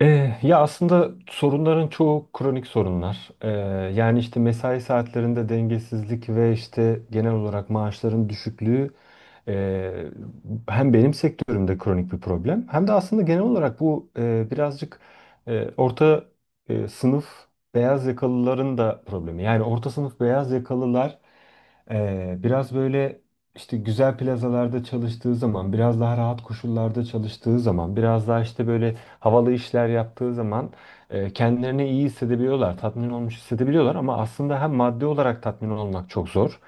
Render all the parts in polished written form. Ya aslında sorunların çoğu kronik sorunlar. Yani işte mesai saatlerinde dengesizlik ve işte genel olarak maaşların düşüklüğü eee, hem benim sektörümde kronik bir problem hem de aslında genel olarak bu birazcık orta sınıf beyaz yakalıların da problemi. Yani orta sınıf beyaz yakalılar biraz böyle işte güzel plazalarda çalıştığı zaman, biraz daha rahat koşullarda çalıştığı zaman, biraz daha işte böyle havalı işler yaptığı zaman kendilerini iyi hissedebiliyorlar, tatmin olmuş hissedebiliyorlar ama aslında hem maddi olarak tatmin olmak çok zor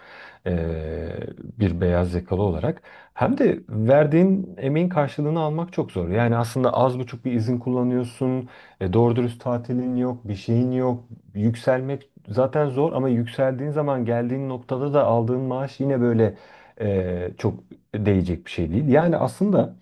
e, bir beyaz yakalı olarak hem de verdiğin emeğin karşılığını almak çok zor. Yani aslında az buçuk bir izin kullanıyorsun, doğru dürüst tatilin yok, bir şeyin yok, yükselmek zaten zor ama yükseldiğin zaman geldiğin noktada da aldığın maaş yine böyle çok değecek bir şey değil. Yani aslında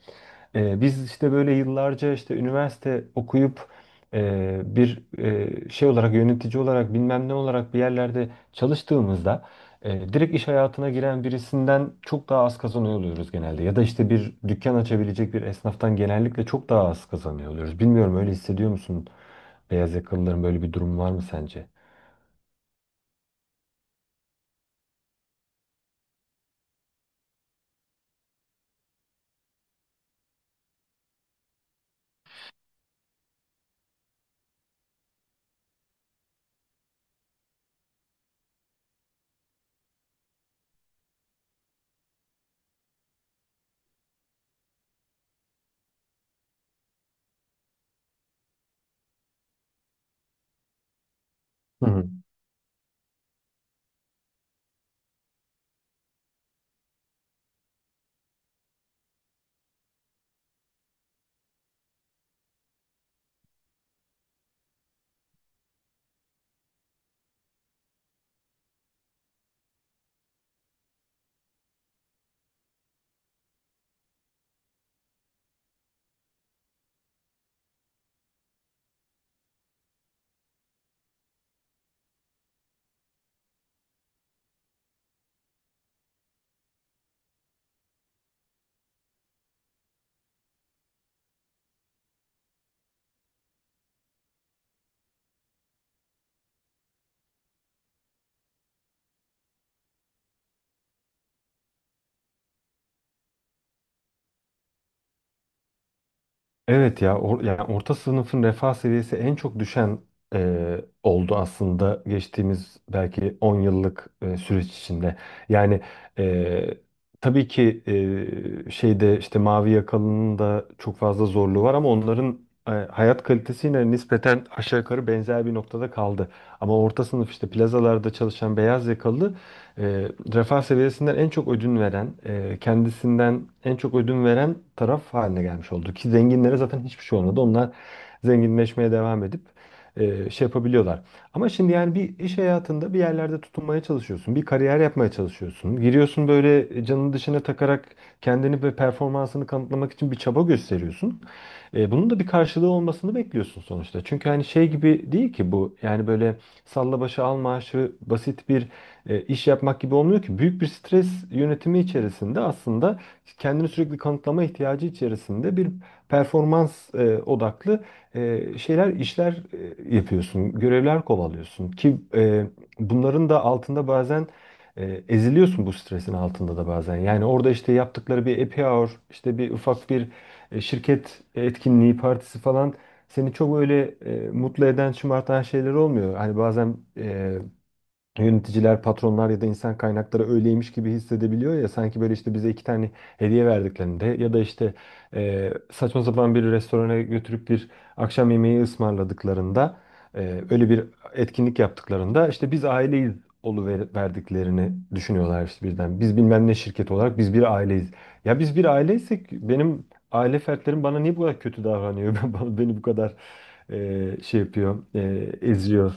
biz işte böyle yıllarca işte üniversite okuyup e, bir şey olarak yönetici olarak bilmem ne olarak bir yerlerde çalıştığımızda direkt iş hayatına giren birisinden çok daha az kazanıyor oluyoruz genelde. Ya da işte bir dükkan açabilecek bir esnaftan genellikle çok daha az kazanıyor oluyoruz. Bilmiyorum öyle hissediyor musun? Beyaz yakalıların böyle bir durum var mı sence? Hı hı. Evet ya yani orta sınıfın refah seviyesi en çok düşen oldu aslında geçtiğimiz belki 10 yıllık süreç içinde. Yani e, tabii ki şeyde işte mavi yakalının da çok fazla zorluğu var ama onların hayat kalitesi yine nispeten aşağı yukarı benzer bir noktada kaldı. Ama orta sınıf işte plazalarda çalışan beyaz yakalı e, refah seviyesinden en çok ödün veren, kendisinden en çok ödün veren taraf haline gelmiş oldu. Ki zenginlere zaten hiçbir şey olmadı. Onlar zenginleşmeye devam edip şey yapabiliyorlar. Ama şimdi yani bir iş hayatında bir yerlerde tutunmaya çalışıyorsun. Bir kariyer yapmaya çalışıyorsun. Giriyorsun böyle canını dışına takarak kendini ve performansını kanıtlamak için bir çaba gösteriyorsun. Bunun da bir karşılığı olmasını bekliyorsun sonuçta. Çünkü hani şey gibi değil ki bu. Yani böyle salla başı al maaşı basit bir iş yapmak gibi olmuyor ki. Büyük bir stres yönetimi içerisinde aslında kendini sürekli kanıtlama ihtiyacı içerisinde bir performans odaklı şeyler, işler yapıyorsun, görevler kovalıyorsun ki bunların da altında bazen eziliyorsun bu stresin altında da bazen. Yani orada işte yaptıkları bir happy hour, işte bir ufak bir şirket etkinliği, partisi falan seni çok öyle mutlu eden, şımartan şeyler olmuyor. Hani bazen yöneticiler, patronlar ya da insan kaynakları öyleymiş gibi hissedebiliyor ya sanki böyle işte bize iki tane hediye verdiklerinde ya da işte saçma sapan bir restorana götürüp bir akşam yemeği ısmarladıklarında e, öyle bir etkinlik yaptıklarında işte biz aileyiz verdiklerini düşünüyorlar işte birden. Biz bilmem ne şirket olarak biz bir aileyiz. Ya biz bir aileysek benim aile fertlerim bana niye bu kadar kötü davranıyor? Beni bu kadar şey yapıyor, eziyor.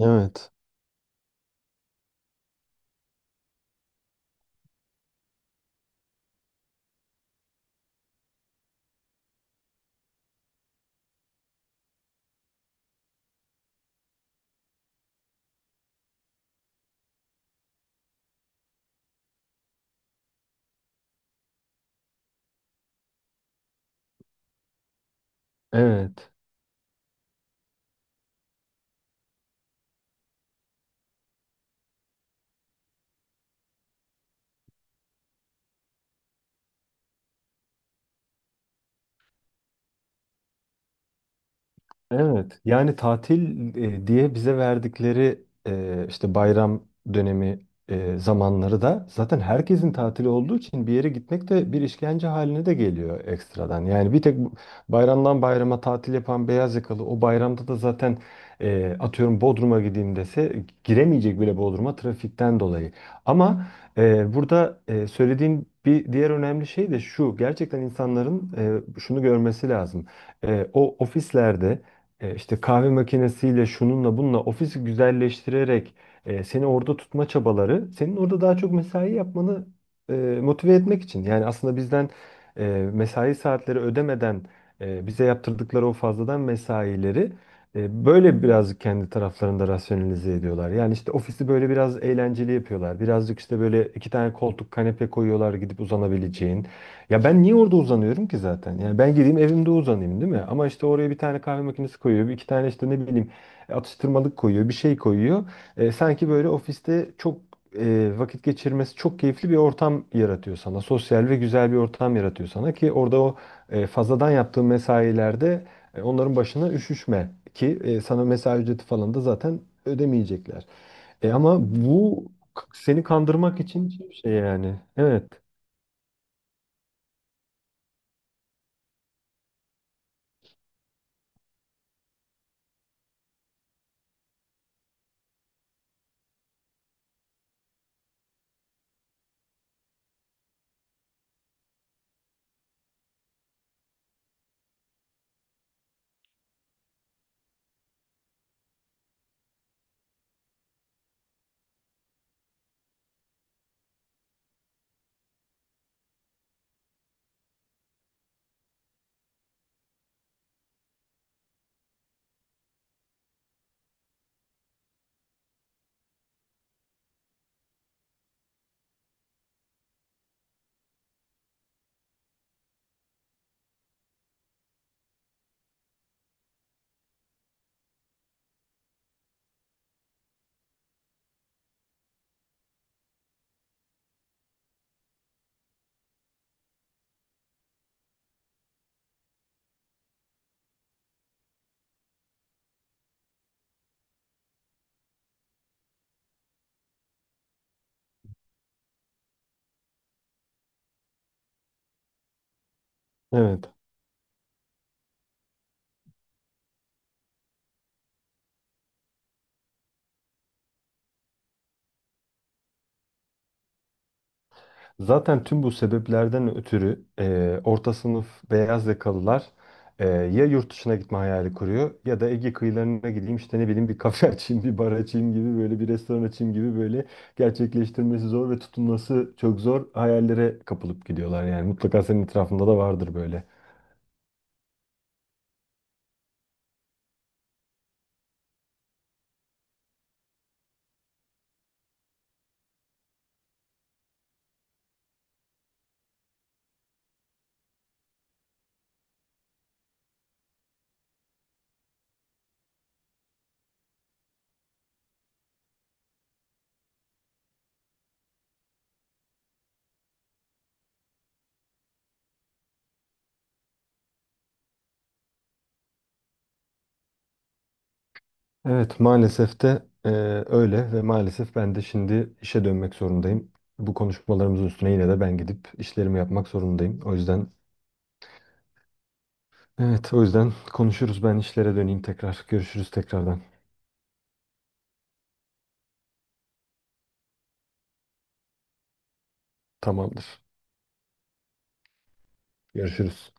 Evet. Evet. Evet, yani tatil diye bize verdikleri işte bayram dönemi zamanları da zaten herkesin tatili olduğu için bir yere gitmek de bir işkence haline de geliyor ekstradan. Yani bir tek bayramdan bayrama tatil yapan beyaz yakalı o bayramda da zaten atıyorum Bodrum'a gideyim dese giremeyecek bile Bodrum'a trafikten dolayı. Ama burada söylediğin bir diğer önemli şey de şu gerçekten insanların şunu görmesi lazım. O ofislerde işte kahve makinesiyle şununla bununla ofisi güzelleştirerek seni orada tutma çabaları senin orada daha çok mesai yapmanı e, motive etmek için. Yani aslında bizden e, mesai saatleri ödemeden bize yaptırdıkları o fazladan mesaileri böyle birazcık kendi taraflarında rasyonalize ediyorlar. Yani işte ofisi böyle biraz eğlenceli yapıyorlar. Birazcık işte böyle iki tane koltuk kanepe koyuyorlar gidip uzanabileceğin. Ya ben niye orada uzanıyorum ki zaten? Yani ben gideyim evimde uzanayım değil mi? Ama işte oraya bir tane kahve makinesi koyuyor, bir iki tane işte ne bileyim atıştırmalık koyuyor, bir şey koyuyor. Sanki böyle ofiste çok vakit geçirmesi çok keyifli bir ortam yaratıyor sana. Sosyal ve güzel bir ortam yaratıyor sana ki orada o fazladan yaptığın mesailerde onların başına üşüşme ki sana mesai ücreti falan da zaten ödemeyecekler. Ama bu seni kandırmak için bir şey yani. Evet, evet. Zaten tüm bu sebeplerden ötürü orta sınıf beyaz yakalılar ya yurt dışına gitme hayali kuruyor ya da Ege kıyılarına gideyim işte ne bileyim bir kafe açayım, bir bar açayım gibi böyle bir restoran açayım gibi böyle gerçekleştirmesi zor ve tutunması çok zor hayallere kapılıp gidiyorlar yani mutlaka senin etrafında da vardır böyle. Evet maalesef de öyle ve maalesef ben de şimdi işe dönmek zorundayım. Bu konuşmalarımızın üstüne yine de ben gidip işlerimi yapmak zorundayım. O yüzden evet, o yüzden konuşuruz. Ben işlere döneyim tekrar. Görüşürüz tekrardan. Tamamdır. Görüşürüz.